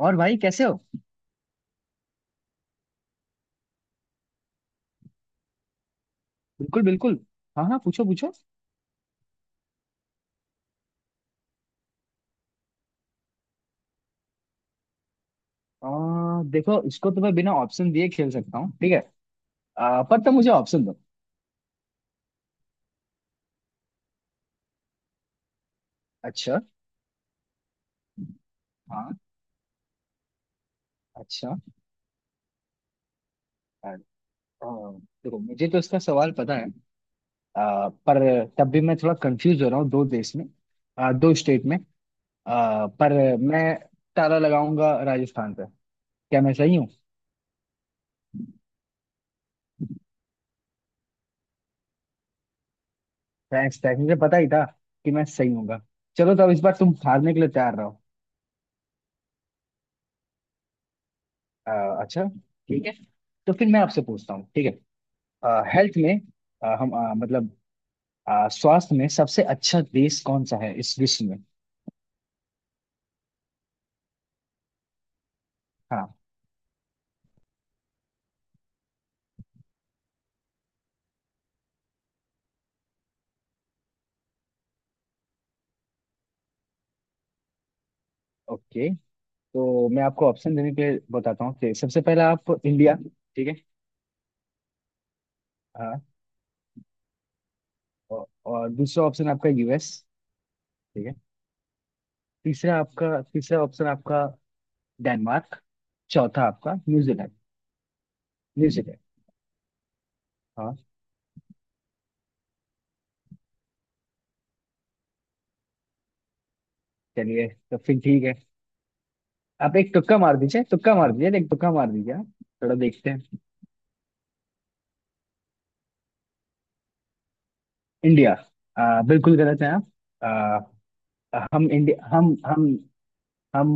और भाई, कैसे हो? बिल्कुल बिल्कुल। हाँ हाँ, पूछो पूछो। देखो, इसको तो मैं बिना ऑप्शन दिए खेल सकता हूँ, ठीक है। पर तुम मुझे ऑप्शन दो। अच्छा। हाँ। अच्छा। आ, देखो, मुझे तो इसका सवाल पता है। पर तब भी मैं थोड़ा कंफ्यूज हो रहा हूँ दो देश में। दो स्टेट में। पर मैं ताला लगाऊंगा राजस्थान पे। क्या मैं सही हूँ? थैंक्स थैंक्स, मुझे पता ही था कि मैं सही हूँगा। चलो, तो अब इस बार तुम हारने के लिए तैयार रहो। आ, अच्छा, ठीक है। तो फिर मैं आपसे पूछता हूँ, ठीक है। हेल्थ में, हम मतलब, स्वास्थ्य में सबसे अच्छा देश कौन सा है इस विश्व में? हाँ। ओके, तो मैं आपको ऑप्शन देने के लिए बताता हूँ कि सबसे पहला आप इंडिया। ठीक है। हाँ। औ- और दूसरा ऑप्शन आपका यूएस। ठीक है। तीसरा ऑप्शन आपका डेनमार्क। चौथा आपका न्यूजीलैंड। न्यूजीलैंड। हाँ। चलिए, तो फिर ठीक है। आप एक तुक्का मार दीजिए, तुक्का मार दीजिए, एक तुक्का मार दीजिए आप। थोड़ा देखते हैं। इंडिया। बिल्कुल गलत है। आप। हम इंडिया, हम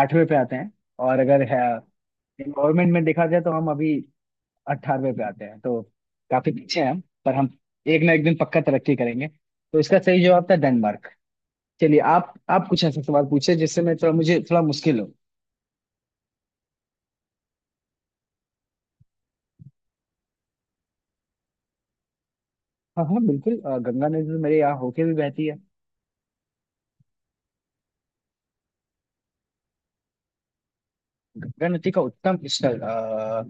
आठवें पे आते हैं। और अगर है एनवायरमेंट में देखा जाए तो हम अभी 18वें पे आते हैं, तो काफी पीछे हैं हम, पर हम एक ना एक दिन पक्का तरक्की करेंगे। तो इसका सही जवाब था डेनमार्क। चलिए, आप कुछ ऐसा सवाल पूछे जिससे मैं थोड़ा मुझे थोड़ा मुश्किल हो। हाँ हाँ, बिल्कुल। गंगा नदी तो मेरे यहाँ होके भी बहती है। गंगा नदी का उद्गम स्थल,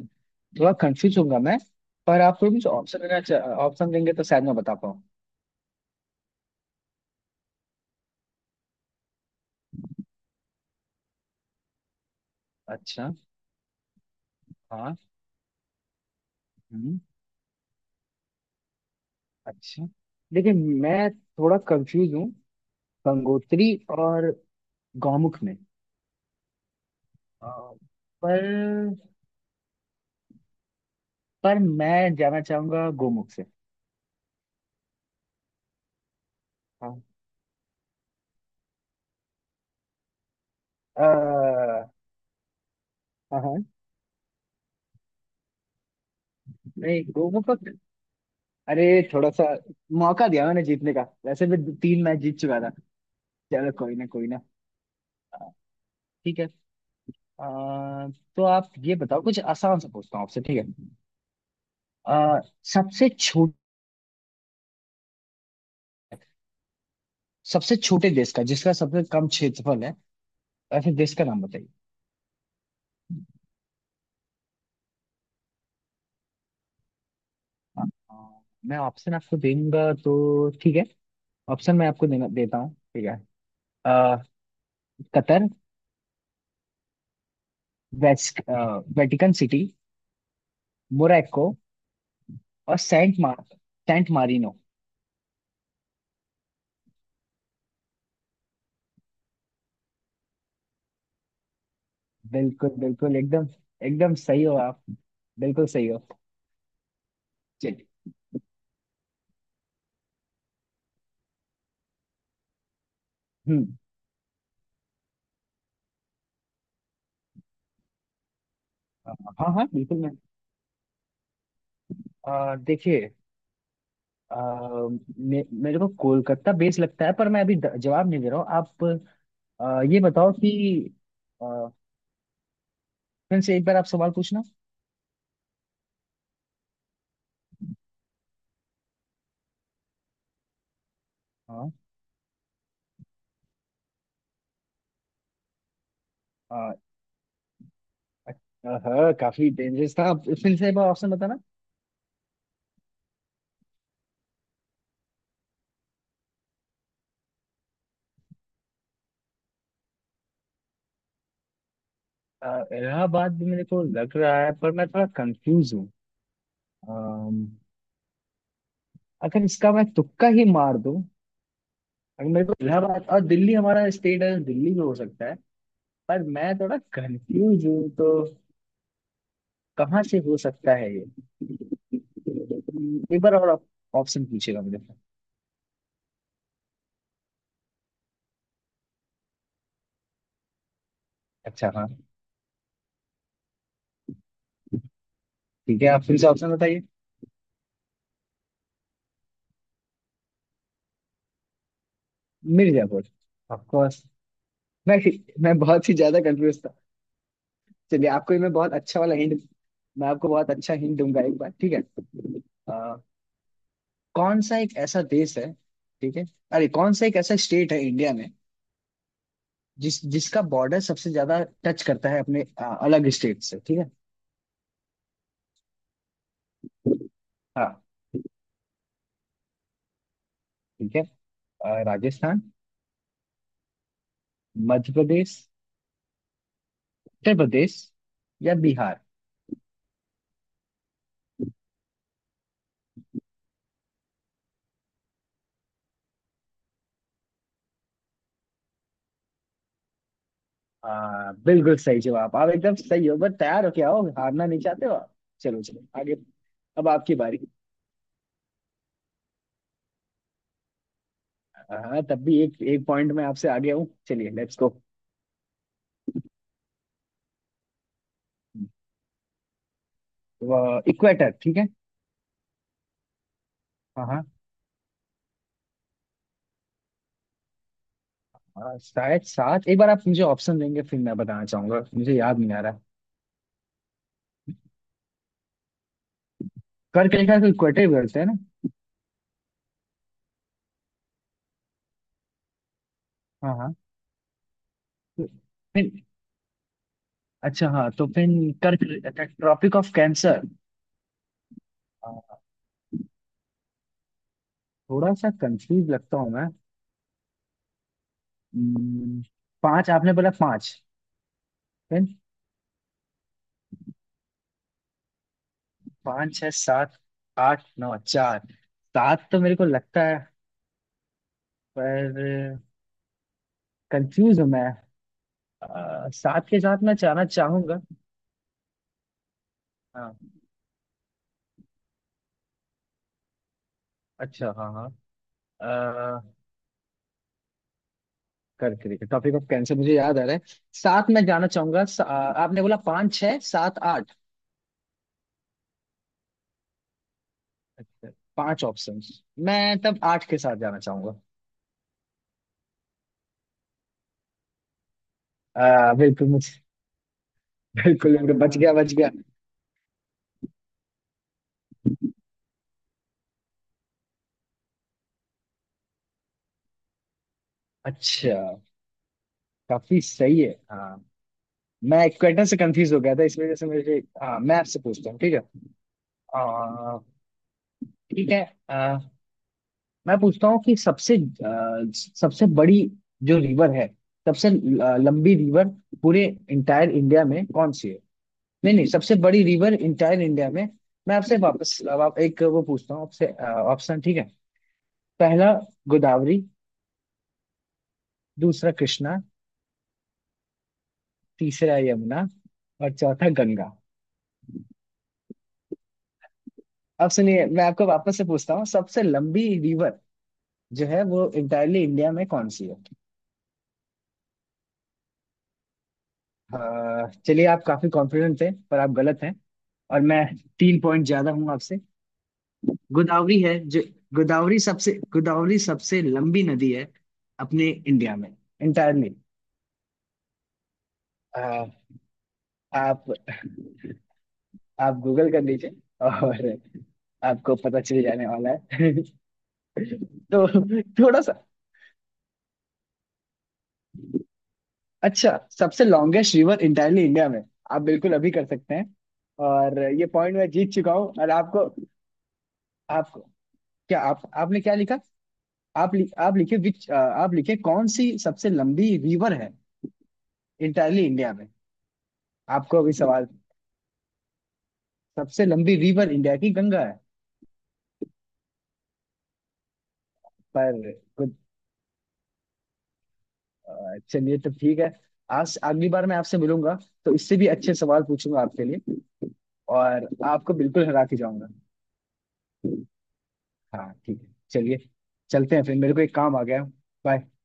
थोड़ा कंफ्यूज होगा मैं। पर आप थोड़ा मुझे ऑप्शन देना। ऑप्शन देंगे तो शायद मैं बता पाऊँ। अच्छा। हाँ। हम्म। अच्छा। लेकिन मैं थोड़ा कंफ्यूज हूँ, गंगोत्री और गौमुख में। अ, पर पर मैं जाना चाहूंगा गोमुख से। हाँ। अ, हाँ हाँ, नहीं गोमुख का। अरे, थोड़ा सा मौका दिया मैंने जीतने का, वैसे भी दो- तीन मैच जीत चुका था। चलो कोई ना, कोई ना। अ, ठीक है। अ, तो आप ये बताओ, कुछ आसान सा पूछता हूँ आपसे, ठीक है। अ, सबसे छोट सबसे छोटे देश का, जिसका सबसे कम क्षेत्रफल है, ऐसे देश का नाम बताइए। हाँ, हाँ, मैं ऑप्शन आपको देऊंगा तो ठीक है। ऑप्शन मैं आपको देना देता हूँ, ठीक है। अ, Qatar, west Vatican City, Morocco, और सेंट मारिनो। बिल्कुल बिल्कुल, एकदम, एकदम सही हो आप, बिल्कुल सही हो। चलिए। हम्म। अ, हाँ हाँ, बिल्कुल मैं, देखिए, अ, मेरे को कोलकाता बेस लगता है, पर मैं अभी जवाब नहीं दे रहा हूँ। आप ये बताओ कि, अ, फिर से एक बार आप सवाल पूछना। हाँ। हाँ, काफी डेंजरस था। अब फिर से एक बार ऑप्शन बताना। अ, इलाहाबाद भी मेरे को लग रहा है, पर मैं थोड़ा कंफ्यूज हूँ। अम, अगर इसका मैं तुक्का ही मार दूं, अगर मेरे को इलाहाबाद और दिल्ली, हमारा स्टेट है दिल्ली में हो सकता है। पर मैं थोड़ा कंफ्यूज हूँ, तो कहाँ से हो सकता है ये? एक बार और ऑप्शन पूछेगा मुझे। अच्छा, हाँ। ठीक है, आप फिर से ऑप्शन बताइए। मिर्जापुर। Of course. मैं मैं बहुत ही ज्यादा कंफ्यूज था। चलिए, आपको ये मैं बहुत अच्छा वाला हिंट, मैं आपको बहुत अच्छा हिंट दूंगा एक बार, ठीक है। आ, कौन सा एक ऐसा देश है, ठीक है। अरे, कौन सा एक ऐसा स्टेट है इंडिया में जिसका बॉर्डर सबसे ज्यादा टच करता है अपने अलग स्टेट से, ठीक है। हाँ। ठीक है। राजस्थान, मध्य प्रदेश, उत्तर प्रदेश, या बिहार। बिल्कुल सही जवाब। आप एकदम सही हो। बस, तैयार हो क्या हो? हारना नहीं चाहते हो आप? चलो चलो आगे। अब आपकी बारी। हाँ, तब भी एक एक पॉइंट में आपसे आगे हूँ। चलिए, लेट्स गो। इक्वेटर, ठीक है। हाँ हाँ। हाँ, शायद सात। एक बार आप मुझे ऑप्शन देंगे फिर मैं बताना चाहूंगा, मुझे याद नहीं आ रहा। कर्क रेखा को इक्वेटर भी बोलते हैं ना? हाँ हाँ। तो फिर, अच्छा, हाँ, तो फिर कर्क, ट्रॉपिक ऑफ कैंसर, थोड़ा सा कंफ्यूज लगता हूँ मैं। हम्म, पांच आपने बोला, पांच। फिर, पाँच, छः, सात, आठ, नौ, चार, सात तो मेरे को लगता है, पर कंफ्यूज हूँ मैं। सात के साथ मैं जाना चाहूंगा। हाँ। अच्छा, हाँ हाँ। अह, करके देखिए, टॉपिक ऑफ कैंसर मुझे याद आ रहा है, साथ में जाना चाहूंगा आपने बोला पाँच, छह, सात, आठ। अच्छा, पांच ऑप्शन, मैं तब आठ के साथ जाना चाहूंगा। बिल्कुल मुझे, बिल्कुल बिल्कुल बच गया, बच गया। अच्छा। काफी सही है, हाँ। मैं इक्वेटर से कंफ्यूज हो गया था, इस वजह से मुझे। हाँ, मैं आपसे पूछता हूँ, ठीक है। अह, ठीक है। अह, मैं पूछता हूँ कि सबसे, सबसे बड़ी जो रिवर है, सबसे लंबी रिवर पूरे इंटायर इंडिया में कौन सी है? नहीं नहीं, सबसे बड़ी रिवर इंटायर इंडिया में। मैं आपसे वापस अब, आप एक वो पूछता हूँ आपसे, ऑप्शन, ठीक है। पहला गोदावरी, दूसरा कृष्णा, तीसरा यमुना, और चौथा गंगा। अब सुनिए, मैं आपको वापस से पूछता हूँ, सबसे लंबी रिवर जो है वो इंटायरली इंडिया में कौन सी है? चलिए, आप काफी कॉन्फिडेंट थे, पर आप गलत हैं। और मैं तीन पॉइंट ज्यादा हूँ आपसे। गोदावरी है जो, गोदावरी सबसे लंबी नदी है अपने इंडिया में, इंटायरली। आप आप गूगल कर लीजिए, और आपको पता चल जाने वाला है। तो थोड़ा सा, अच्छा, सबसे लॉन्गेस्ट रिवर इंटायरली इंडिया में, आप बिल्कुल अभी कर सकते हैं। और ये पॉइंट मैं जीत चुका हूँ, और आपको आपको, क्या आप आपने क्या लिखा? आप लिखे विच, आप लिखे कौन सी सबसे लंबी रिवर है इंटायरली इंडिया में? आपको अभी सवाल, सबसे लंबी रिवर इंडिया की गंगा है? पर गुड, चलिए, तो ठीक है। आज अगली बार मैं आपसे मिलूंगा तो इससे भी अच्छे सवाल पूछूंगा आपके लिए, और आपको बिल्कुल हरा के जाऊंगा। हाँ, ठीक है, चलिए। चलते हैं फिर, मेरे को एक काम आ गया है। Bye.